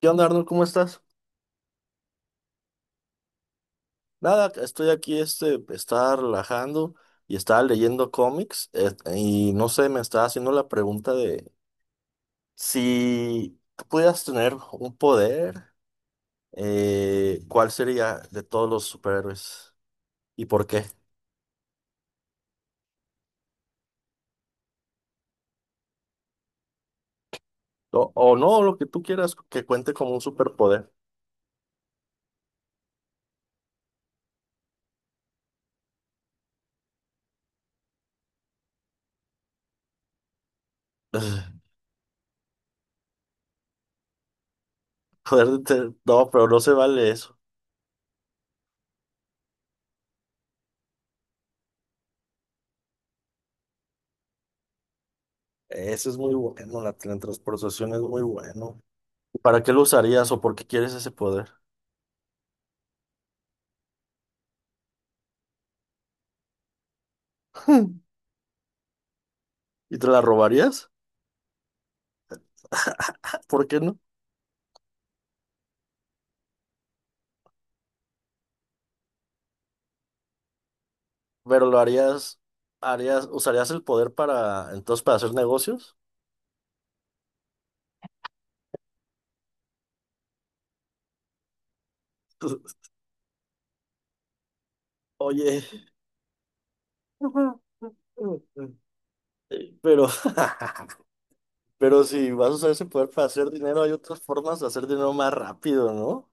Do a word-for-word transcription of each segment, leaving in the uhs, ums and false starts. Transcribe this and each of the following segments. ¿Qué onda, Arnold? ¿Cómo estás? Nada, estoy aquí, este, estaba relajando y estaba leyendo cómics eh, y no sé, me estaba haciendo la pregunta de si tú pudieras tener un poder, eh, ¿cuál sería de todos los superhéroes y por qué? O, o no, lo que tú quieras que cuente como un superpoder. Poder de te- no, pero no se vale eso. Eso es muy bueno, la teletransportación es muy bueno. ¿Para qué lo usarías o por qué quieres ese poder? ¿Y te la robarías? ¿Por qué no? Pero lo harías, harías, usarías el poder para, entonces, para hacer negocios. Oye, pero, pero si vas a usar ese poder para hacer dinero, hay otras formas de hacer dinero más rápido, ¿no?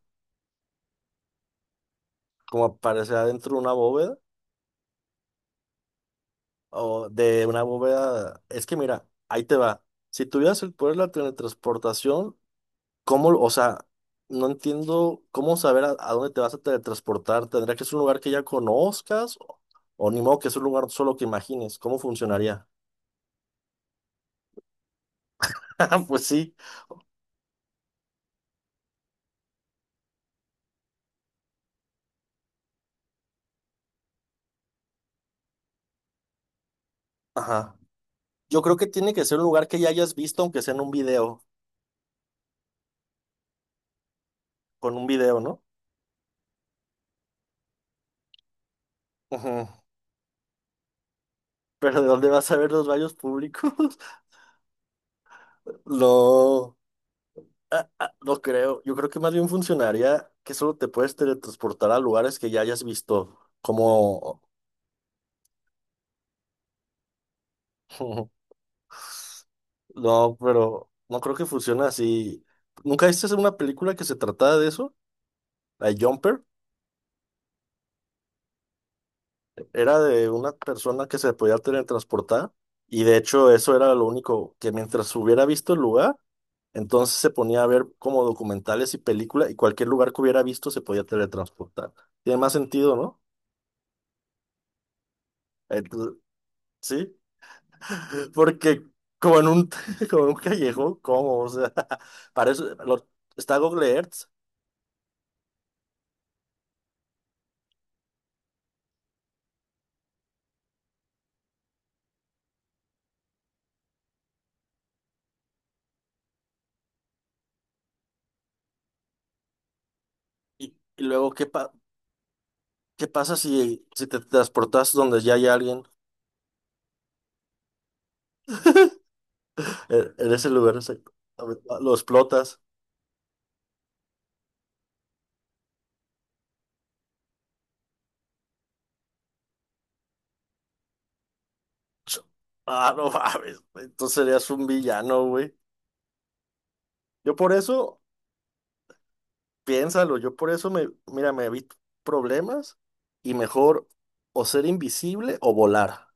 Como aparecer adentro de una bóveda o de una bóveda. Es que mira, ahí te va. Si tuvieras el poder de la teletransportación, ¿cómo, o sea, no entiendo cómo saber a, a dónde te vas a teletransportar? ¿Tendría que ser un lugar que ya conozcas? ¿O, o ni modo que es un lugar solo que imagines? ¿Cómo funcionaría? Pues sí. Ajá. Yo creo que tiene que ser un lugar que ya hayas visto, aunque sea en un video, con un video, ¿no? Ujú. Pero ¿de dónde vas a ver los baños públicos? No, ah, ah, no creo. Yo creo que más bien funcionaría que solo te puedes teletransportar a lugares que ya hayas visto, como no, pero no creo que funcione así. ¿Nunca viste una película que se trataba de eso? La de Jumper. Era de una persona que se podía teletransportar. Y de hecho, eso era lo único que mientras hubiera visto el lugar, entonces se ponía a ver como documentales y películas. Y cualquier lugar que hubiera visto se podía teletransportar. Tiene más sentido, ¿no? Entonces, sí. Porque como en un, como en un callejón, ¿cómo? O sea, para eso lo- está Google Earth. Y, y luego, ¿qué, pa- ¿qué pasa si, si te transportas donde ya hay alguien? En en ese lugar se- lo explotas. Ah, no mames. Entonces serías un villano, güey. Yo por eso, piénsalo, yo por eso me, mira, me evito problemas y mejor o ser invisible o volar.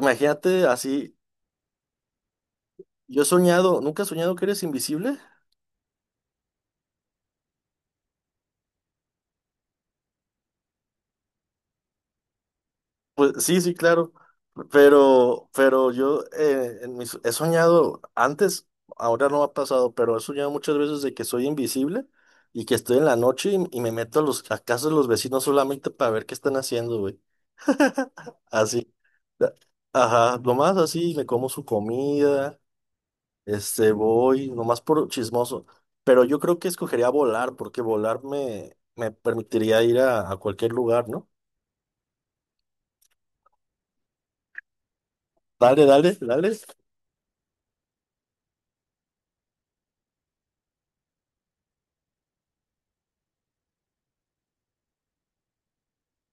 Imagínate así. Yo he soñado, ¿nunca has soñado que eres invisible? Pues sí, sí, claro, pero, pero yo eh, en mis- he soñado antes, ahora no ha pasado, pero he soñado muchas veces de que soy invisible y que estoy en la noche y, y me meto a los a casas de los vecinos solamente para ver qué están haciendo, güey. Así, a- ajá, nomás así, me como su comida, este, voy, nomás por chismoso. Pero yo creo que escogería volar, porque volar me, me permitiría ir a, a cualquier lugar, ¿no? Dale, dale, dale,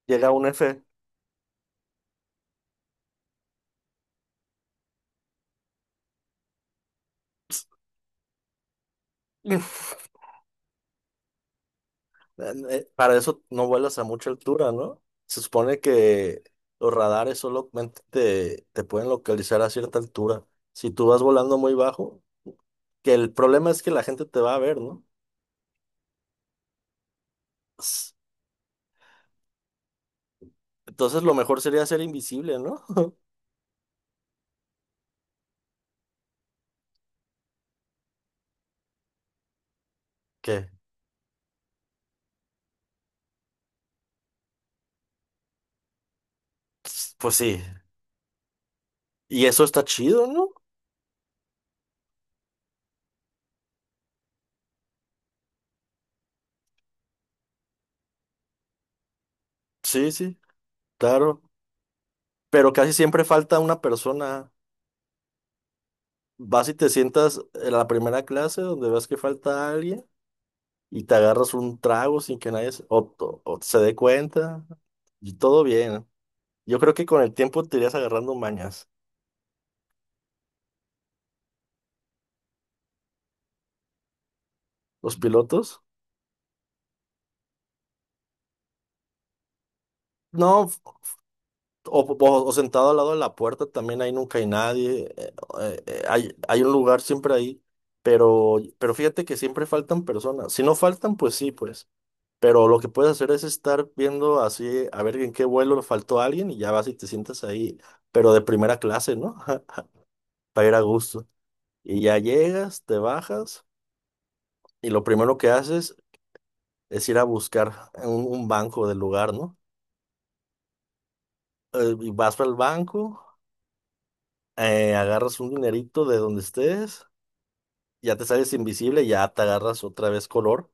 llega un F. eh, Para eso no vuelas a mucha altura, ¿no? Se supone que los radares solamente te, te pueden localizar a cierta altura. Si tú vas volando muy bajo, que el problema es que la gente te va a ver, ¿no? S- Entonces lo mejor sería ser invisible, ¿no? Que, pues pues sí. Y eso está chido, ¿no? Sí, sí, claro. Pero casi siempre falta una persona. Vas y te sientas en la primera clase donde ves que falta alguien. Y te agarras un trago sin que nadie se, o, o- o se dé cuenta y todo bien. Yo creo que con el tiempo te irías agarrando mañas. Los pilotos, no, f- o, o- o sentado al lado de la puerta también ahí nunca hay nadie, eh, eh, eh, hay, hay un lugar siempre ahí, pero, pero fíjate que siempre faltan personas. Si no faltan, pues sí, pues. Pero lo que puedes hacer es estar viendo así, a ver en qué vuelo faltó alguien y ya vas y te sientas ahí, pero de primera clase, ¿no? Para ir a gusto. Y ya llegas, te bajas y lo primero que haces es ir a buscar un, un banco del lugar, ¿no? Eh, y vas al banco, eh, agarras un dinerito de donde estés, ya te sales invisible, ya te agarras otra vez color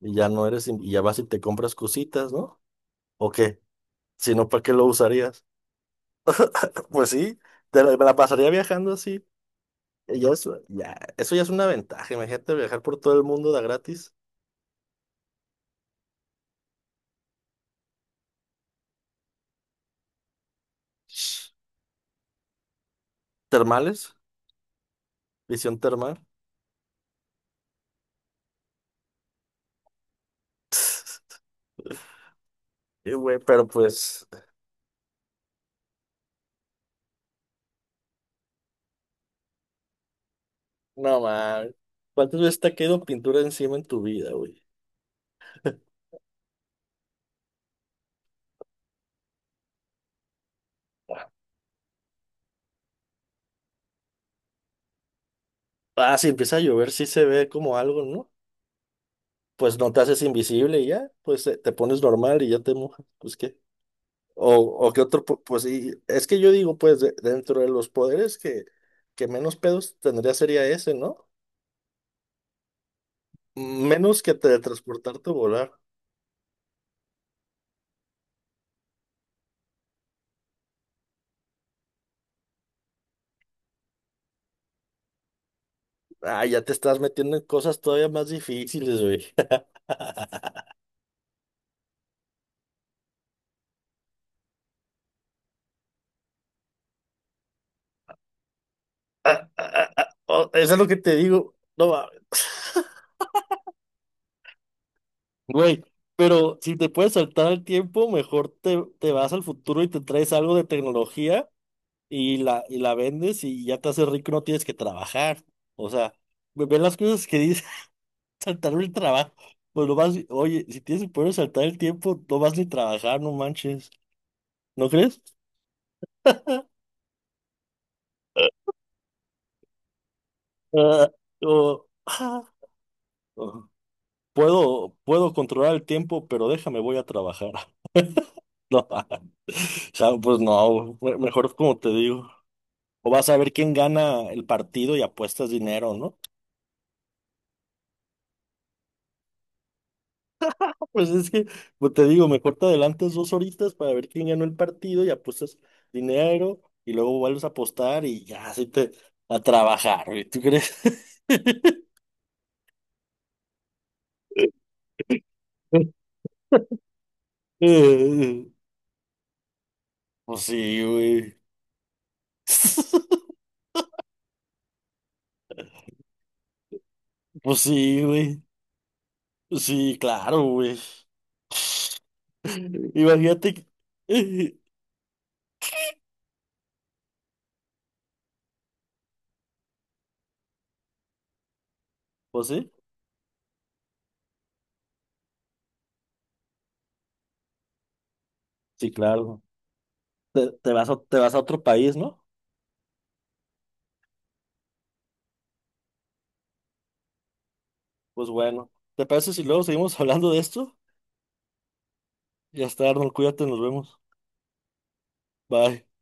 y ya no eres, in- y ya vas y te compras cositas, ¿no? ¿O qué? Si no, ¿para qué lo usarías? Pues sí, te la, me la pasaría viajando así. Y ya eso, ya, eso ya es una ventaja. Imagínate viajar por todo el mundo de a gratis. Termales, visión termal. Sí, güey, pero pues, no man. ¿Cuántas veces te ha caído pintura encima en tu vida, güey? Ah, si empieza a llover, sí se ve como algo, ¿no? Pues no te haces invisible y ya, pues eh, te pones normal y ya te mojas, pues qué. O, o qué otro, po- pues sí, es que yo digo, pues de- dentro de los poderes que, que menos pedos tendría sería ese, ¿no? Menos que teletransportarte o volar. Ah, ya te estás metiendo en cosas todavía más difíciles, güey. Ah, ah, ah, ah, oh, eso es lo que te digo. No, va. Güey, pero si te puedes saltar el tiempo, mejor te, te vas al futuro y te traes algo de tecnología y la, y la vendes y ya te haces rico, no tienes que trabajar. O sea, ve ve las cosas que dice saltar el trabajo. Pues lo vas, oye, si tienes el poder de saltar el tiempo, no vas ni trabajar, no manches. ¿No crees? Ah, o, ah, o, puedo, puedo controlar el tiempo, pero déjame, voy a trabajar. No, o sea, pues no, güey, mejor como te digo. O vas a ver quién gana el partido y apuestas dinero, ¿no? Pues es que, pues te digo, mejor te adelantas dos horitas para ver quién ganó el partido y apuestas dinero y luego vuelves a apostar y ya, así te a trabajar, güey. ¿Tú crees? Pues sí, güey. Pues sí, güey. Pues sí, claro, güey. Imagínate que... Pues sí, sí, claro. Te, te vas a, te vas a otro país, ¿no? Pues bueno, ¿te parece si luego seguimos hablando de esto? Ya está, Arnold, cuídate, nos vemos. Bye.